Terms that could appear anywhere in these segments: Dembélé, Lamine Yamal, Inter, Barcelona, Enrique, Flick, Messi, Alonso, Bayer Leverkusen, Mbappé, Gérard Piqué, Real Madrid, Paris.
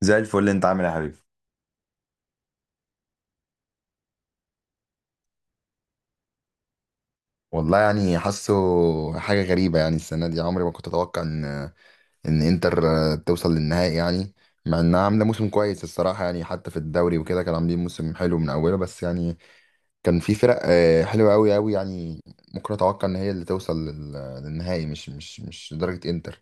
زي الفل، انت عامل ايه يا حبيبي؟ والله يعني حاسه حاجة غريبة، يعني السنة دي عمري ما كنت أتوقع إن إنتر توصل للنهائي يعني. مع إنها عاملة موسم كويس الصراحة، يعني حتى في الدوري وكده كانوا عاملين موسم حلو من أوله، بس يعني كان في فرق حلوة أوي أوي، يعني ممكن أتوقع إن هي اللي توصل للنهائي، مش لدرجة إنتر.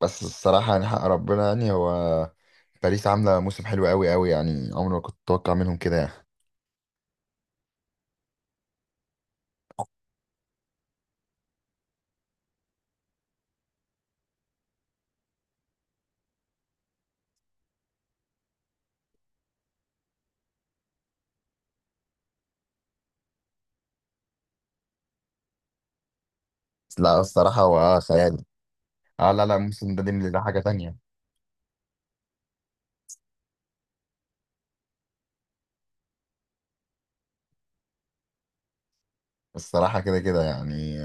بس الصراحة يعني حق ربنا، يعني هو باريس عاملة موسم حلو أوي أوي، يعني عمري ما كنت أتوقع منهم كده يعني. لا الصراحة هو خيال. اه لا لا، موسم ده ديمبلي ده حاجة تانية. الصراحة كده كده يعني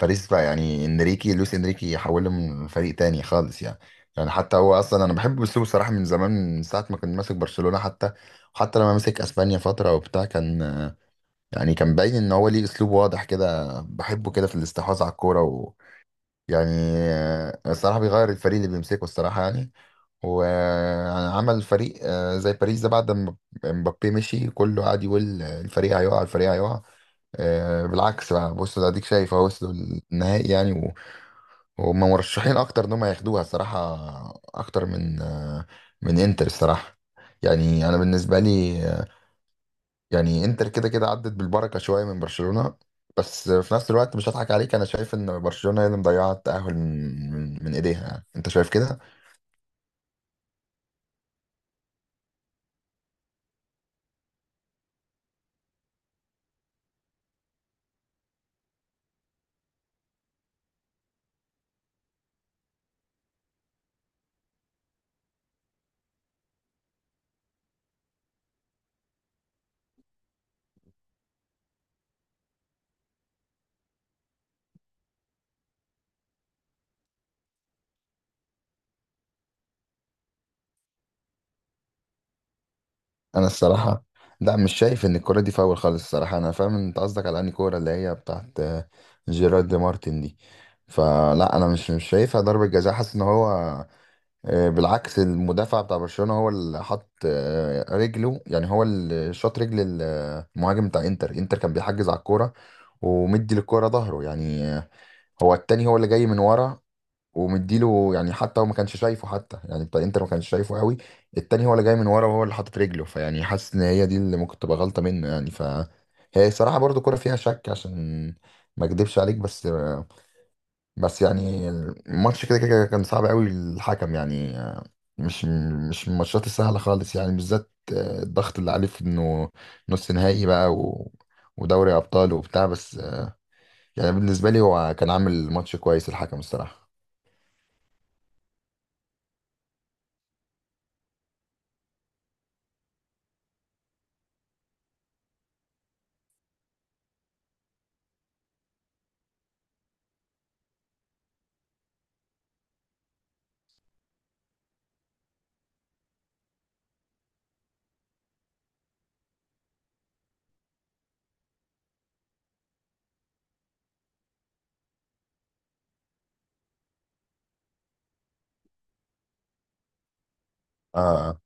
باريس بقى، يعني انريكي لويس انريكي حوله من فريق تاني خالص يعني. يعني حتى هو اصلا انا بحب اسلوبه صراحة من زمان، من ساعة ما كان ماسك برشلونة حتى، وحتى لما مسك اسبانيا فترة وبتاع، كان يعني كان باين ان هو ليه اسلوب واضح كده بحبه كده في الاستحواذ على الكورة، ويعني الصراحة بيغير الفريق اللي بيمسكه الصراحة يعني. وعمل فريق زي باريس ده بعد ما مبابي مشي، كله قعد يقول الفريق هيقع الفريق هيقع. بالعكس بقى، بص ده اديك شايف اهو وصلوا النهائي يعني وهم مرشحين اكتر ان هم ياخدوها الصراحه، اكتر من من انتر الصراحه. يعني انا بالنسبه لي يعني انتر كده كده عدت بالبركه شويه من برشلونه. بس في نفس الوقت مش هضحك عليك، انا شايف ان برشلونه هي اللي مضيعه التاهل من ايديها، انت شايف كده. انا الصراحه لا، مش شايف ان الكوره دي فاول خالص الصراحه، انا فاهم انت قصدك على انهي كوره، اللي هي بتاعت جيرارد دي مارتن دي. فلا انا مش شايفها ضربه جزاء، حاسس ان هو بالعكس، المدافع بتاع برشلونه هو اللي حط رجله، يعني هو اللي شاط رجل المهاجم بتاع انتر كان بيحجز على الكوره ومدي للكوره ظهره يعني. هو التاني هو اللي جاي من ورا ومديله، يعني حتى هو ما كانش شايفه حتى، يعني بتاع انتر ما كانش شايفه قوي. التاني هو اللي جاي من ورا وهو اللي حاطط رجله، فيعني حاسس ان هي دي اللي ممكن تبقى غلطة منه يعني. ف هي الصراحة برضو كرة فيها شك، عشان ما اكدبش عليك، بس يعني الماتش كده كده كان صعب قوي الحكم يعني. مش مش من الماتشات السهلة خالص، يعني بالذات الضغط اللي عليه في انه نص نهائي بقى ودوري ابطال وبتاع، بس يعني بالنسبة لي هو كان عامل ماتش كويس الحكم الصراحة. اه.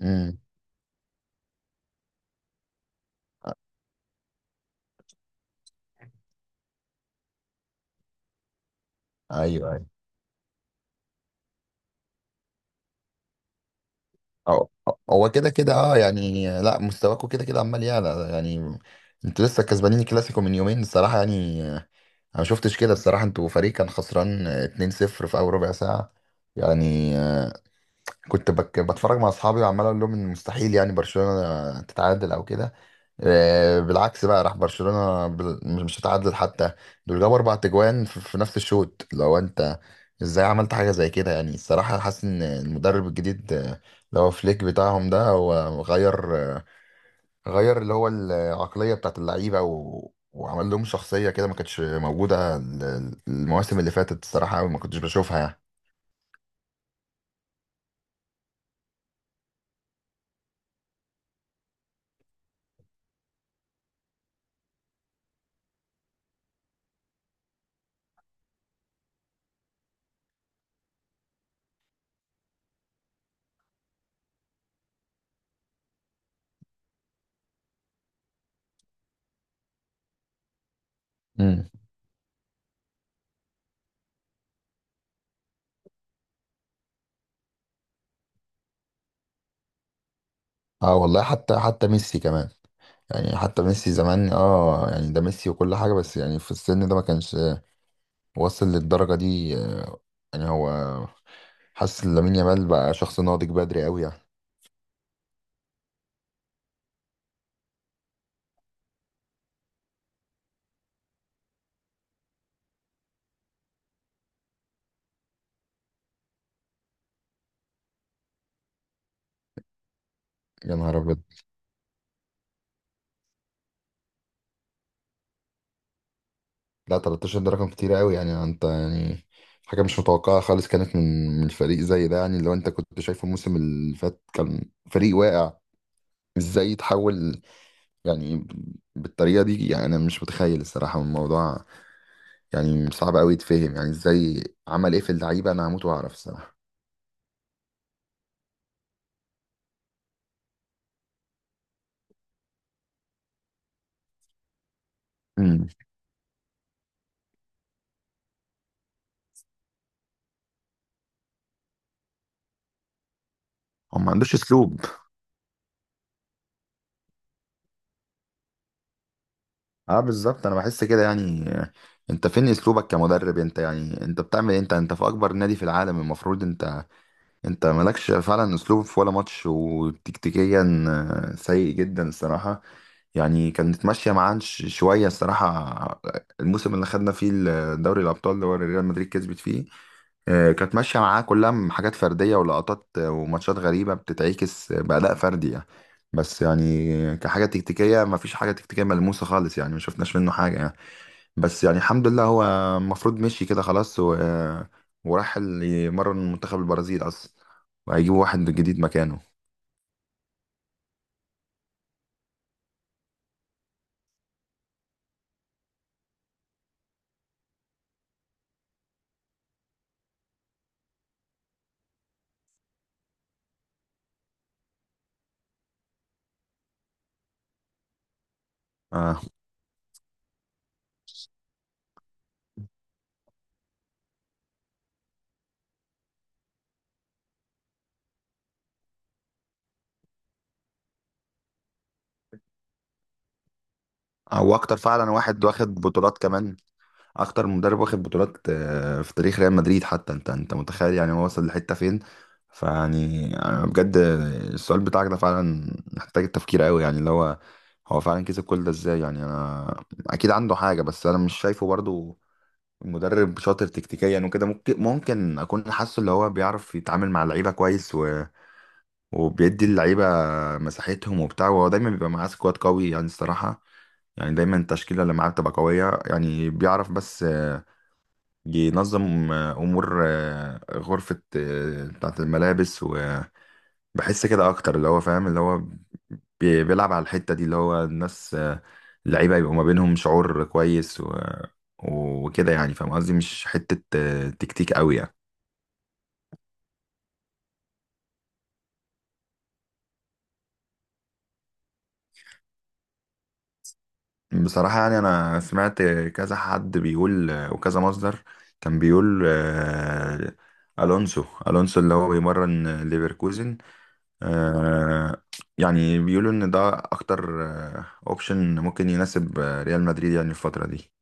امم. ايوه. هو كده كده، اه يعني لا مستواكوا كده كده عمال يعلى يعني، انتوا لسه كسبانين الكلاسيكو من يومين الصراحة، يعني انا ما شفتش كده الصراحة، انتوا فريق كان خسران 2-0 في اول ربع ساعة يعني. كنت بك بتفرج مع اصحابي، وعمال اقول لهم ان مستحيل يعني برشلونة تتعادل او كده. بالعكس بقى، راح برشلونة مش هتعادل حتى، دول جابوا اربع تجوان في نفس الشوط. لو انت ازاي عملت حاجة زي كده يعني، الصراحة حاسس ان المدرب الجديد، اللي هو فليك بتاعهم ده، هو غير آه، غير اللي هو العقلية بتاعت اللعيبة، وعمل لهم شخصية كده ما كانتش موجودة المواسم اللي فاتت الصراحة أوي، ما كنتش بشوفها يعني. مم. اه والله حتى ميسي كمان، يعني حتى ميسي زمان اه يعني ده ميسي وكل حاجة، بس يعني في السن ده ما كانش وصل للدرجة دي. يعني هو حاسس ان لامين يامال بقى شخص ناضج بدري قوي يعني. يا نهار ابيض، لا 13 ده رقم كتير قوي، يعني انت يعني حاجة مش متوقعة خالص كانت من فريق زي ده، يعني لو انت كنت شايفه الموسم اللي فات كان فريق واقع، ازاي يتحول يعني بالطريقة دي. يعني انا مش متخيل الصراحة الموضوع، يعني صعب قوي يتفهم يعني، ازاي عمل ايه في اللعيبة؟ انا هموت واعرف الصراحة. امم هو ما عندوش اسلوب. اه بالظبط، انا بحس كده يعني انت فين اسلوبك كمدرب انت؟ يعني انت بتعمل إيه؟ انت في اكبر نادي في العالم، المفروض انت مالكش فعلا اسلوب في ولا ماتش، وتكتيكيا سيء جدا الصراحه. يعني كانت ماشيه معاه شويه الصراحه. الموسم اللي خدنا فيه دوري الابطال اللي هو ريال مدريد كسبت فيه، كانت ماشيه معاه كلها حاجات فرديه ولقطات وماتشات غريبه بتتعكس باداء فردي يعني. بس يعني كحاجه تكتيكيه، مفيش حاجه تكتيكيه ملموسه خالص، يعني ما شفناش منه حاجه يعني. بس يعني الحمد لله، هو المفروض مشي كده خلاص وراح يمرن منتخب البرازيل اصلا، وهيجيبوا واحد جديد مكانه. اه، هو اكتر فعلا واحد واخد بطولات كمان، اكتر مدرب واخد بطولات في تاريخ ريال مدريد حتى. انت متخيل يعني هو وصل لحتة فين؟ فيعني أنا بجد السؤال بتاعك ده فعلا محتاج التفكير قوي، يعني اللي هو فعلا كسب كل ده ازاي؟ يعني انا اكيد عنده حاجة، بس انا مش شايفه برضو مدرب شاطر تكتيكيا وكده. ممكن اكون حاسه اللي هو بيعرف يتعامل مع اللعيبة كويس وبيدي اللعيبة مساحتهم وبتاع، وهو دايما بيبقى معاه سكواد قوي يعني الصراحة، يعني دايما التشكيلة اللي معاه بتبقى قوية، يعني بيعرف بس ينظم أمور غرفة بتاعة الملابس، وبحس كده أكتر اللي هو فاهم، اللي هو بيلعب على الحتة دي اللي هو الناس اللعيبة يبقوا ما بينهم شعور كويس وكده يعني، فاهم قصدي مش حتة تكتيك قوي يعني. بصراحة يعني أنا سمعت كذا حد بيقول وكذا مصدر كان بيقول ألونسو اللي هو بيمرن ليفركوزن. آه، يعني بيقولوا إن ده أكتر أوبشن ممكن يناسب ريال مدريد يعني الفترة دي.